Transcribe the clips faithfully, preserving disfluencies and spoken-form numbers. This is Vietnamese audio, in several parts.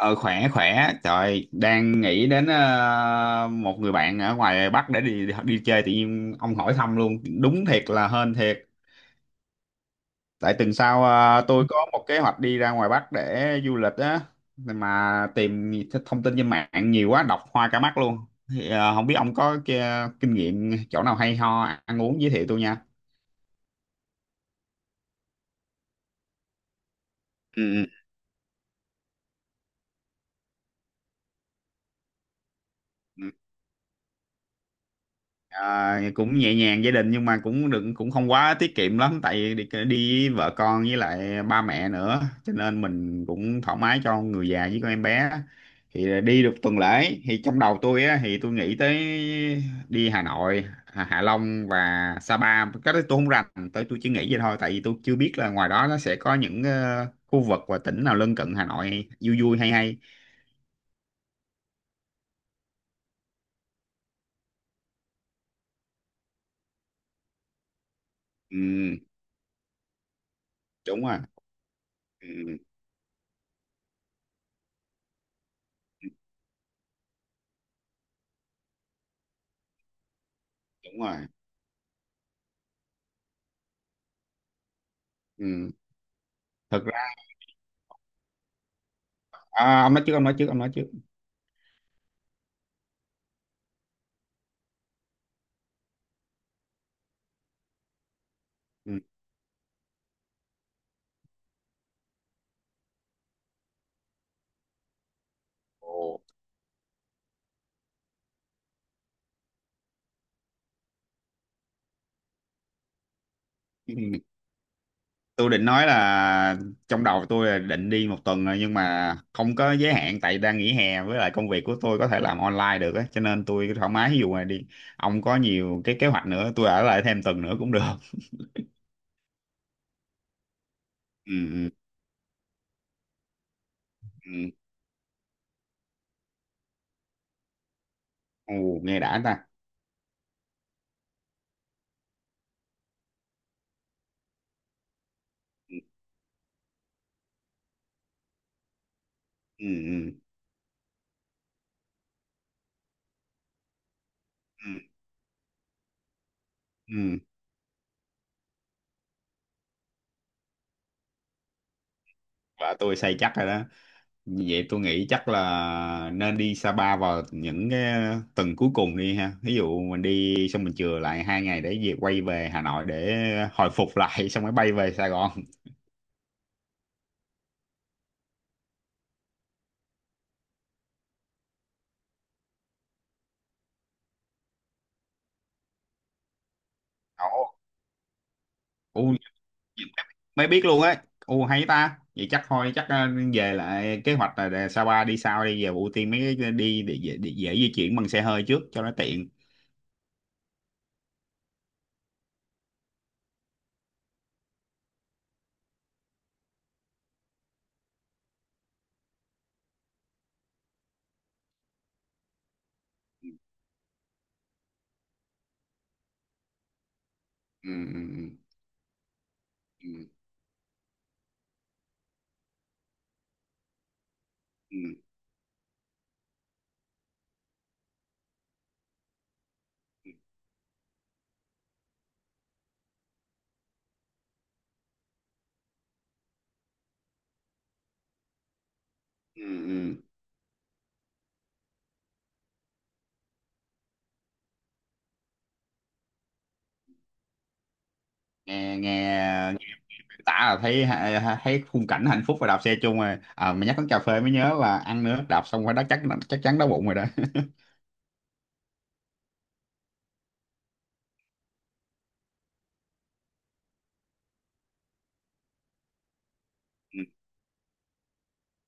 Ờ khỏe khỏe, trời đang nghĩ đến ờ, một người bạn ở ngoài Bắc để đi, đi chơi, tự nhiên ông hỏi thăm luôn, đúng thiệt là hên thiệt. Tại tuần sau ờ, tôi có một kế hoạch đi ra ngoài Bắc để du lịch á, mà tìm thông tin trên mạng nhiều quá, đọc hoa cả mắt luôn. Thì ờ, không biết ông có kia- kinh nghiệm chỗ nào hay ho, ăn uống, giới thiệu tôi nha. Ừ. Ừ. Ờ, cũng nhẹ nhàng gia đình, nhưng mà cũng đừng cũng không quá tiết kiệm lắm, tại đi, đi với vợ con với lại ba mẹ nữa, cho nên mình cũng thoải mái cho người già với con em bé. Thì đi được tuần lễ, thì trong đầu tôi á, thì tôi nghĩ tới đi Hà Nội, Hạ Hạ Long và Sapa, cái đó tôi không rành. Tới tôi chỉ nghĩ vậy thôi, tại vì tôi chưa biết là ngoài đó nó sẽ có những ờ, khu vực và tỉnh nào lân cận Hà Nội vui vui hay hay. Ừ, đúng rồi. Ừ, đúng rồi. Ừ. Thực À, ông nói trước, ông nói trước, ông nói trước. Ừ. Ồ. Ừ. Tôi định nói là trong đầu tôi là định đi một tuần rồi, nhưng mà không có giới hạn, tại đang nghỉ hè, với lại công việc của tôi có thể làm online được á, cho nên tôi thoải mái. Ví dụ mà đi, ông có nhiều cái kế hoạch nữa, tôi ở lại thêm tuần nữa cũng được. Ừ, ừ, ừ. Ồ, nghe đã ta. Ừ, ừ, ừ, ừ. Ừ. Vợ tôi say chắc rồi đó. Như vậy tôi nghĩ chắc là nên đi Sapa vào những cái tuần cuối cùng đi ha. Ví dụ mình đi xong mình chừa lại hai ngày để về, quay về Hà Nội để hồi phục lại, xong mới bay về Sài Gòn. Ồ, u mới biết luôn ấy. U hay ta. Vậy chắc thôi, chắc ờ, về lại kế hoạch là để Sapa đi sau, đi về ưu tiên mấy cái đi để, dễ- để dễ di chuyển bằng xe hơi trước cho nó tiện. Ừ, ừ, ừ, ừ, ừ, ừ, ừ. Nghe nghe tả là thấy thấy khung cảnh hạnh phúc và đạp xe chung rồi à, mà nhắc đến cà phê mới nhớ là ăn nữa, đạp xong phải đó, chắc chắc chắn đói bụng rồi đó.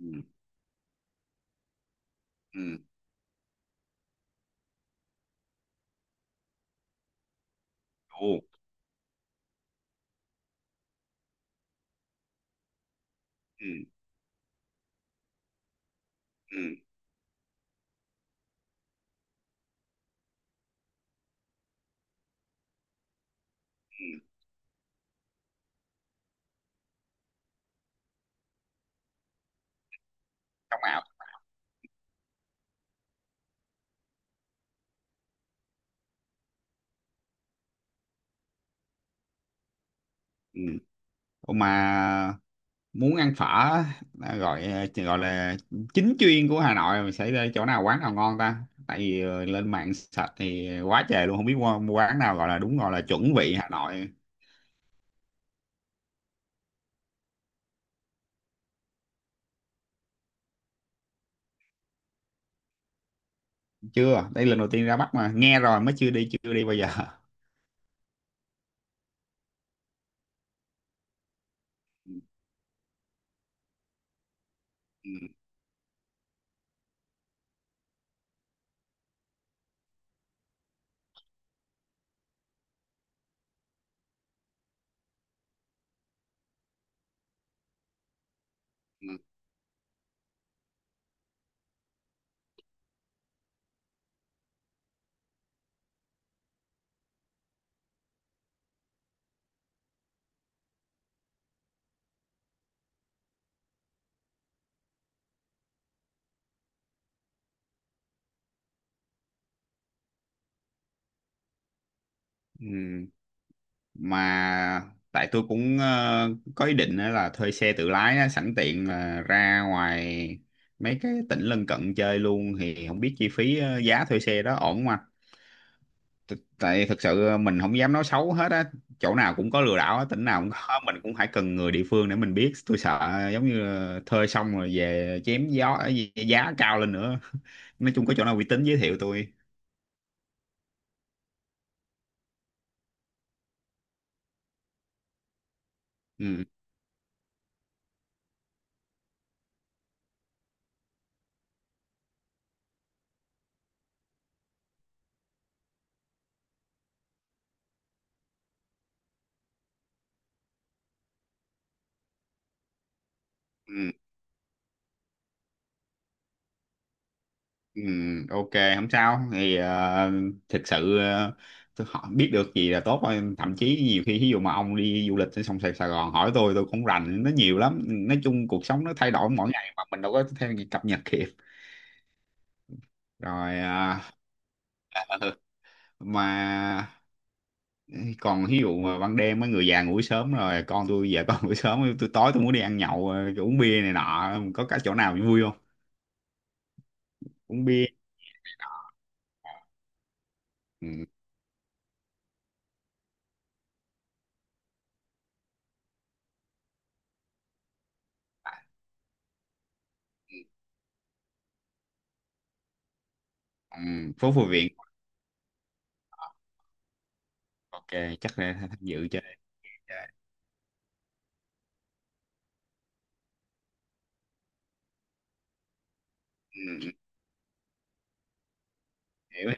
Ừ. Ừ. Ừ. Ừ. Ừ. Ừ. Trong ảo. Ừ. Ủa, mà muốn ăn phở á, à, gọi gọi là chính chuyên của Hà Nội, mình sẽ đi chỗ nào, quán nào ngon ta? Tại vì ờ, lên mạng sạch thì quá trời luôn, không biết mua, mua quán nào gọi là đúng, gọi là chuẩn vị Hà Nội. Chưa, đây lần đầu tiên ra Bắc mà, nghe rồi mới, chưa đi chưa đi bao giờ. Ừ. Ừ. Ừ. Mà tại tôi cũng ờ, có ý định á là thuê xe tự lái á, sẵn tiện là ra ngoài mấy cái tỉnh lân cận chơi luôn. Thì không biết chi phí ờ, giá thuê xe đó ổn không anh? T- tại thực sự ờ, mình không dám nói xấu hết á, chỗ nào cũng có lừa đảo á, tỉnh nào cũng có. Mình cũng phải cần người địa phương để mình biết, tôi sợ ờ, giống như là thuê xong rồi về chém gió ờ, giá cao lên nữa. Nói chung có chỗ nào uy tín giới thiệu tôi. Ừ. Ừ. Ừ, ok, không sao. Thì ờ, thực sự ờ, tôi hỏi, biết được gì là tốt thôi, thậm chí nhiều khi ví dụ mà ông đi du lịch ở sông Sài Sài Gòn hỏi tôi tôi cũng rành nó nhiều lắm. Nói chung cuộc sống nó thay đổi mỗi ngày mà mình đâu có theo kịp, cập nhật kịp. Rồi ờ, ừ, mà còn ví dụ mà ban đêm mấy người già ngủ sớm rồi, con tôi giờ con ngủ sớm, tôi tối tôi muốn đi ăn nhậu, ờ, uống bia này nọ, có cả chỗ nào vui không? Uống bia. Ừ. À. Ừ, phố Phù Viện. Ok, chắc là tham dự chơi. Ừ. Hiểu.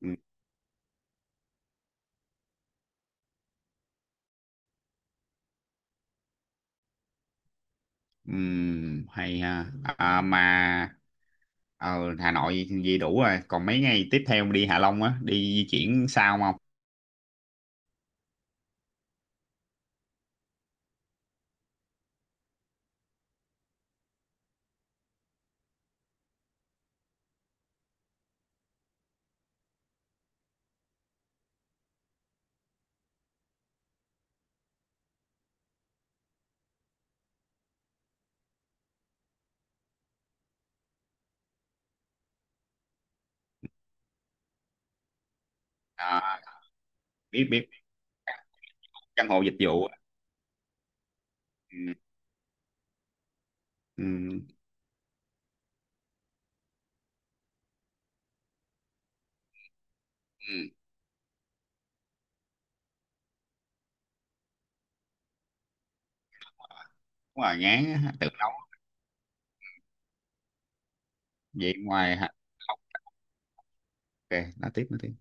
Ừ. Ừm, hay ha à, mà ở Hà Nội gì đủ rồi, còn mấy ngày tiếp theo đi Hạ Long á, đi di chuyển sao không? À, biết biết. Căn hộ dịch vụ. Ừ. Ừ. Ừ. Đúng rồi, ngán á, tự nấu. Vậy ngoài Hạ ok, nói tiếp, nói tiếp.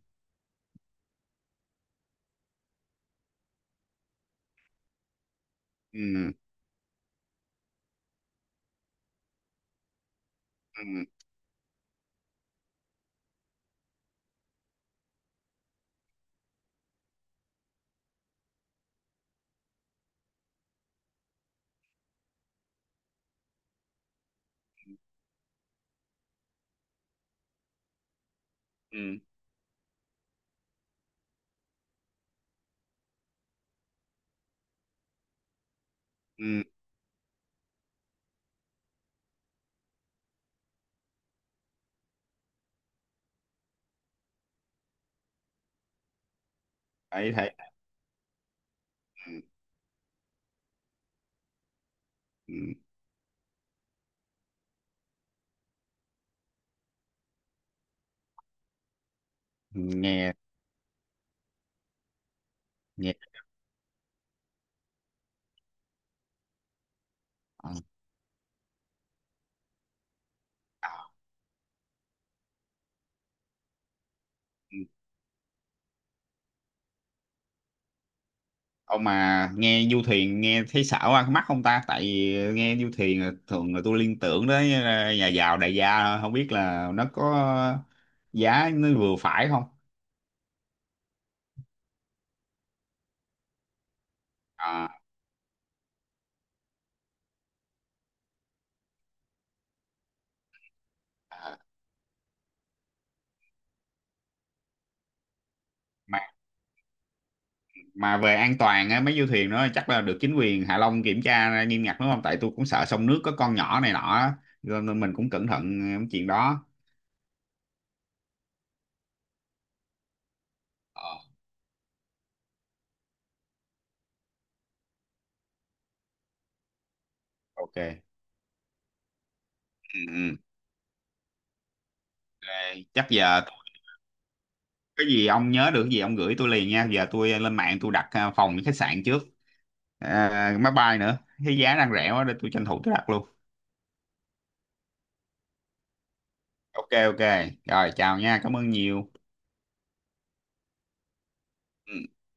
Ừ. Ừ. Ừ. Ừ. Thấy thấy. Ừ. Nghe nghe. Ờ. Ông mà nghe du thuyền, nghe thấy xảo ăn mắt không ta? Tại vì nghe du thuyền là thường là tôi liên tưởng đến ờ, nhà giàu đại gia thôi. Không biết là nó có giá nó vừa phải không. À, mà mà về an toàn á, mấy du thuyền đó chắc là được chính quyền Hạ Long kiểm tra nghiêm ngặt đúng không, tại tôi cũng sợ sông nước, có con nhỏ này nọ á. Cho nên mình cũng cẩn thận cái chuyện đó. Ờ, ok. Ừ, ừ. Ok, chắc giờ tôi- cái gì ông nhớ được cái gì ông gửi tôi liền nha, giờ tôi lên mạng tôi đặt à, phòng với khách sạn trước, à, máy bay nữa, cái giá đang rẻ quá để tôi tranh thủ tôi đặt luôn. Ok, ok, rồi, chào nha, cảm ơn nhiều. Ừ.